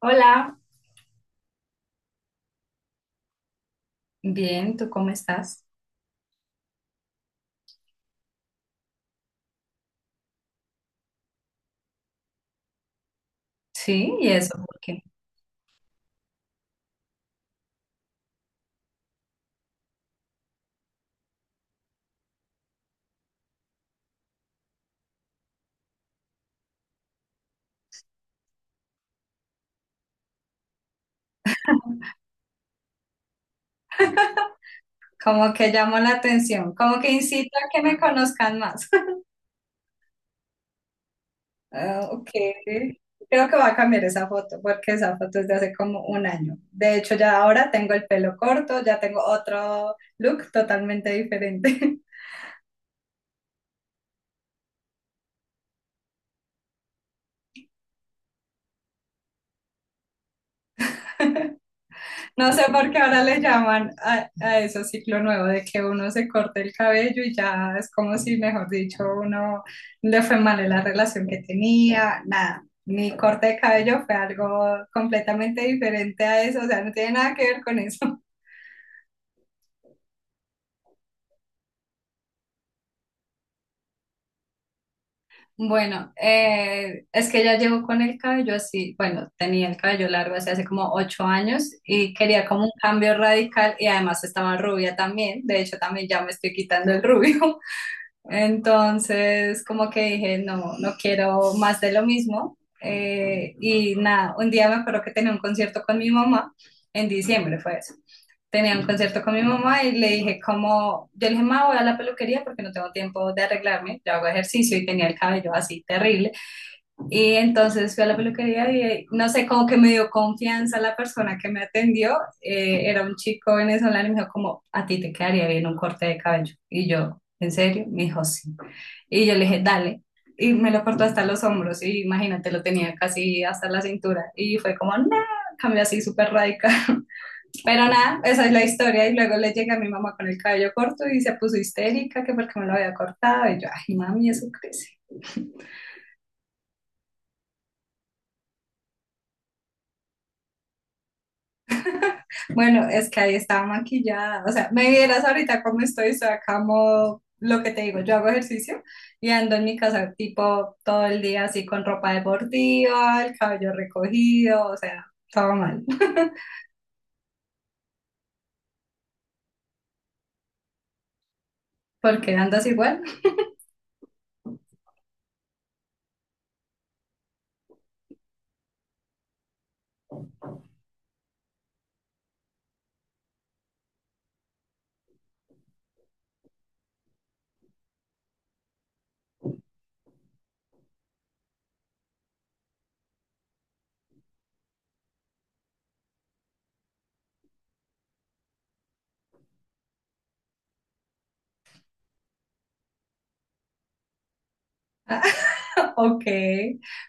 Hola, bien, ¿tú cómo estás? Sí, y eso, porque como que llamo la atención, como que incito a que me conozcan más. Ah, ok, creo que voy a cambiar esa foto, porque esa foto es de hace como un año. De hecho, ya ahora tengo el pelo corto, ya tengo otro look totalmente diferente. No sé por qué ahora le llaman a eso ciclo nuevo, de que uno se corte el cabello y ya es como si, mejor dicho, uno le fue mal en la relación que tenía, nada. Mi corte de cabello fue algo completamente diferente a eso, o sea, no tiene nada que ver con eso. Bueno, es que ya llevo con el cabello así, bueno, tenía el cabello largo así hace como 8 años y quería como un cambio radical y además estaba rubia también, de hecho también ya me estoy quitando el rubio. Entonces, como que dije, no, no quiero más de lo mismo. Y nada, un día me acuerdo que tenía un concierto con mi mamá, en diciembre fue eso. Tenía un concierto con mi mamá y le dije, como, yo le dije, ma, voy a la peluquería porque no tengo tiempo de arreglarme, yo hago ejercicio y tenía el cabello así terrible. Y entonces fui a la peluquería y no sé, como que me dio confianza la persona que me atendió. Era un chico venezolano y me dijo como, a ti te quedaría bien un corte de cabello. Y yo, ¿en serio? Me dijo, sí. Y yo le dije, dale. Y me lo cortó hasta los hombros y imagínate, lo tenía casi hasta la cintura. Y fue como, no, cambió así súper radical. Pero nada, esa es la historia. Y luego le llegué a mi mamá con el cabello corto y se puso histérica que porque me lo había cortado. Y yo, ay, mami, eso crece. Bueno, es que ahí estaba maquillada. O sea, me vieras ahorita cómo estoy, estoy acá como lo que te digo, yo hago ejercicio y ando en mi casa tipo todo el día así con ropa deportiva, el cabello recogido, o sea, todo mal. ¿Por qué andas igual? Ok,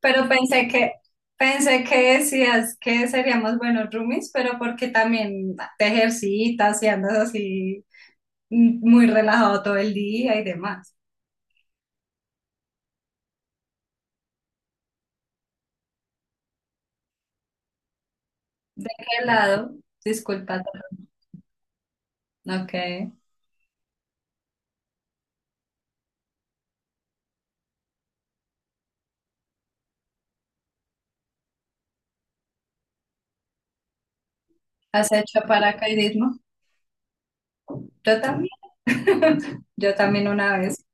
pero pensé que decías que seríamos buenos roomies, pero porque también te ejercitas y andas así muy relajado todo el día y demás. ¿De qué lado? Disculpa. Ok. ¿Has hecho paracaidismo? Yo también, yo también una vez.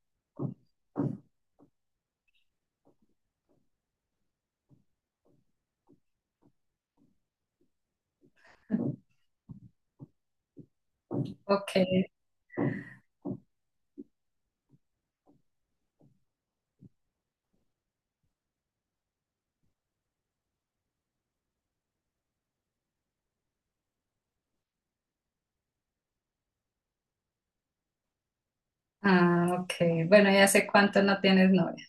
Ok. Ah, ok. Bueno, ¿y hace cuánto no tienes novia?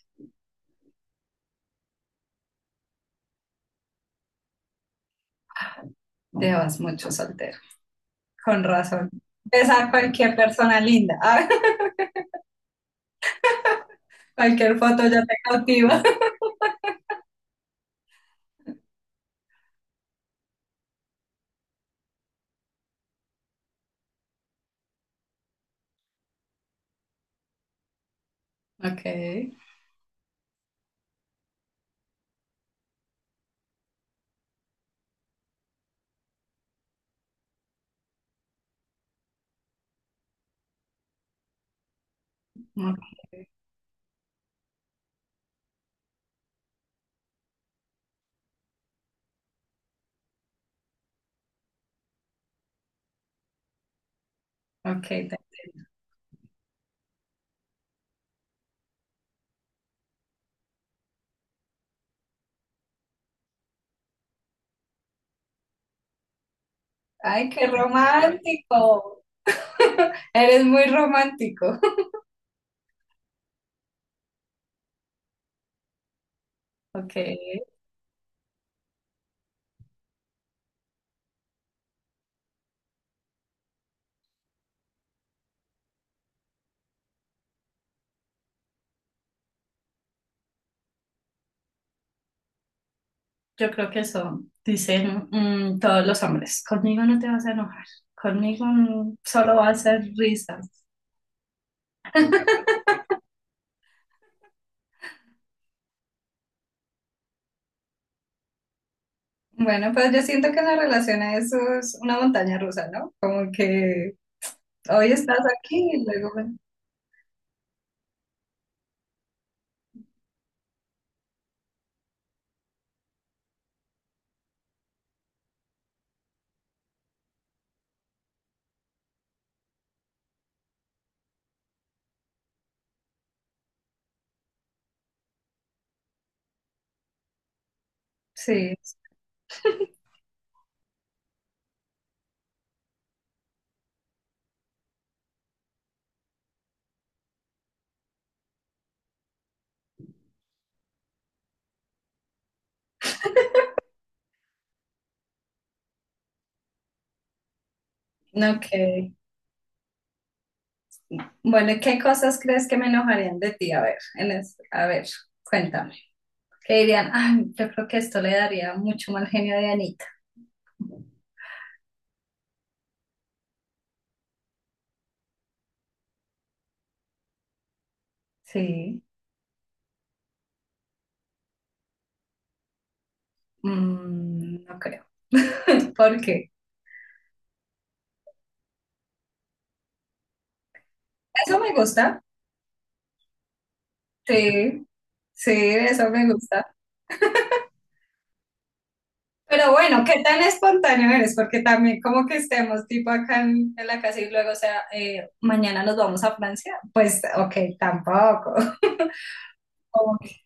Llevas mucho soltero. Con razón. Ves a cualquier persona linda. Cualquier foto ya te cautiva. Ok. Ok. Ok. Ay, qué romántico. Eres muy romántico. Ok. Yo creo que eso dicen, todos los hombres. Conmigo no te vas a enojar. Conmigo, solo va a ser risas. Bueno, pues yo siento que en la relación a eso es una montaña rusa, ¿no? Como que hoy estás aquí y luego, bueno, sí, ok. Bueno, ¿y qué cosas crees que me enojarían de ti? A ver, a ver, cuéntame. Que dirían, ay, yo creo que esto le daría mucho mal genio a Dianita. Sí, no creo. ¿Por qué? Eso me gusta. Sí, sí, eso me gusta. Pero bueno, ¿qué tan espontáneo eres? Porque también como que estemos tipo acá en la casa y luego, o sea, mañana nos vamos a Francia. Pues, ok, tampoco. Como que...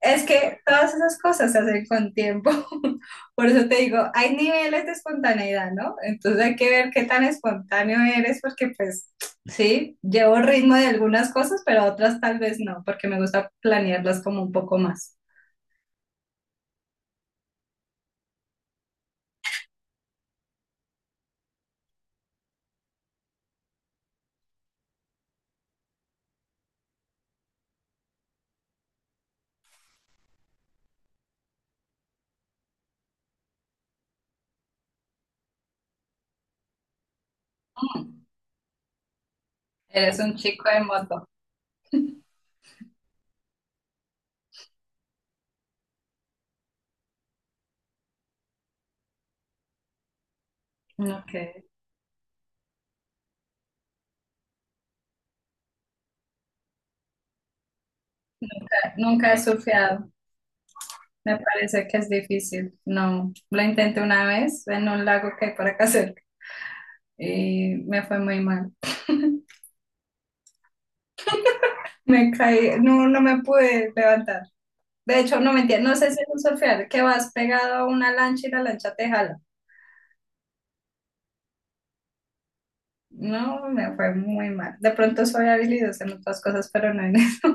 Es que todas esas cosas se hacen con tiempo. Por eso te digo, hay niveles de espontaneidad, ¿no? Entonces hay que ver qué tan espontáneo eres porque pues sí, llevo ritmo de algunas cosas, pero otras tal vez no, porque me gusta planearlas como un poco más. Mm, Eres un chico de moto. Ok. Nunca he surfeado. Me parece que es difícil. No, lo intenté una vez en un lago que hay por acá cerca y me fue muy mal. Me caí, no, no me pude levantar. De hecho, no mentira, no sé si es un surfear, que vas pegado a una lancha y la lancha te jala. No, me fue muy mal. De pronto soy habilidosa en otras cosas, pero no en eso.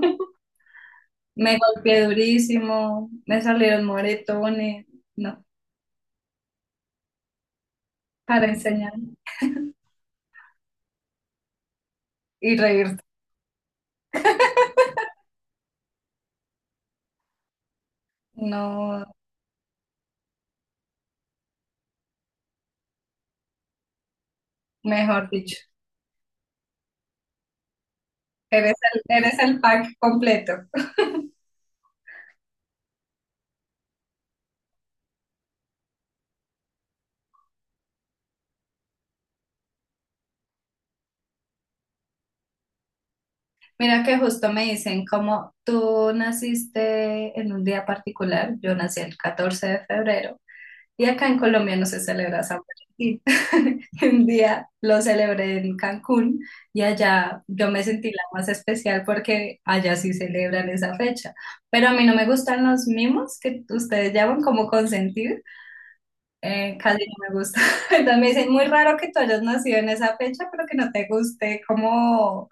Me golpeé durísimo, me salieron moretones, no, para enseñar y reírte. No, mejor dicho, eres el pack completo. Mira que justo me dicen como tú naciste en un día particular, yo nací el 14 de febrero y acá en Colombia no se celebra San Valentín. Un día lo celebré en Cancún y allá yo me sentí la más especial porque allá sí celebran esa fecha. Pero a mí no me gustan los mimos que ustedes llaman como consentir, casi no me gusta. Entonces me dicen, muy raro que tú hayas nacido en esa fecha, pero que no te guste como,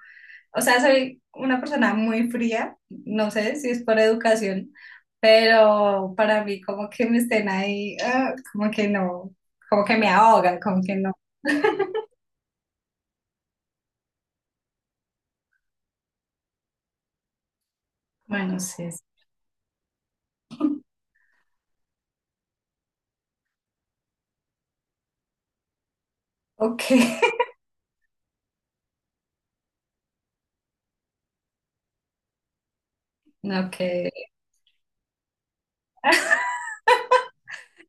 o sea, soy una persona muy fría, no sé si es por educación, pero para mí como que me estén ahí, ah, como que no, como que me ahoga, como que no. Bueno, sí, sí. Ok. Ok.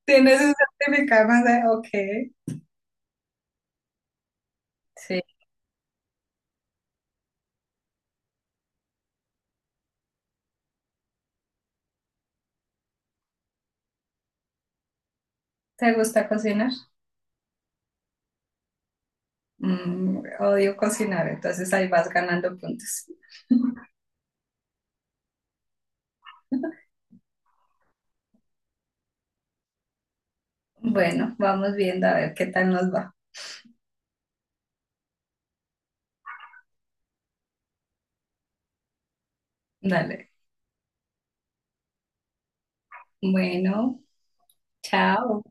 ¿Tienes un certificado más de ok? Sí. ¿Te gusta cocinar? Odio cocinar, entonces ahí vas ganando puntos. Bueno, vamos viendo a ver qué tal nos va. Dale. Bueno, chao.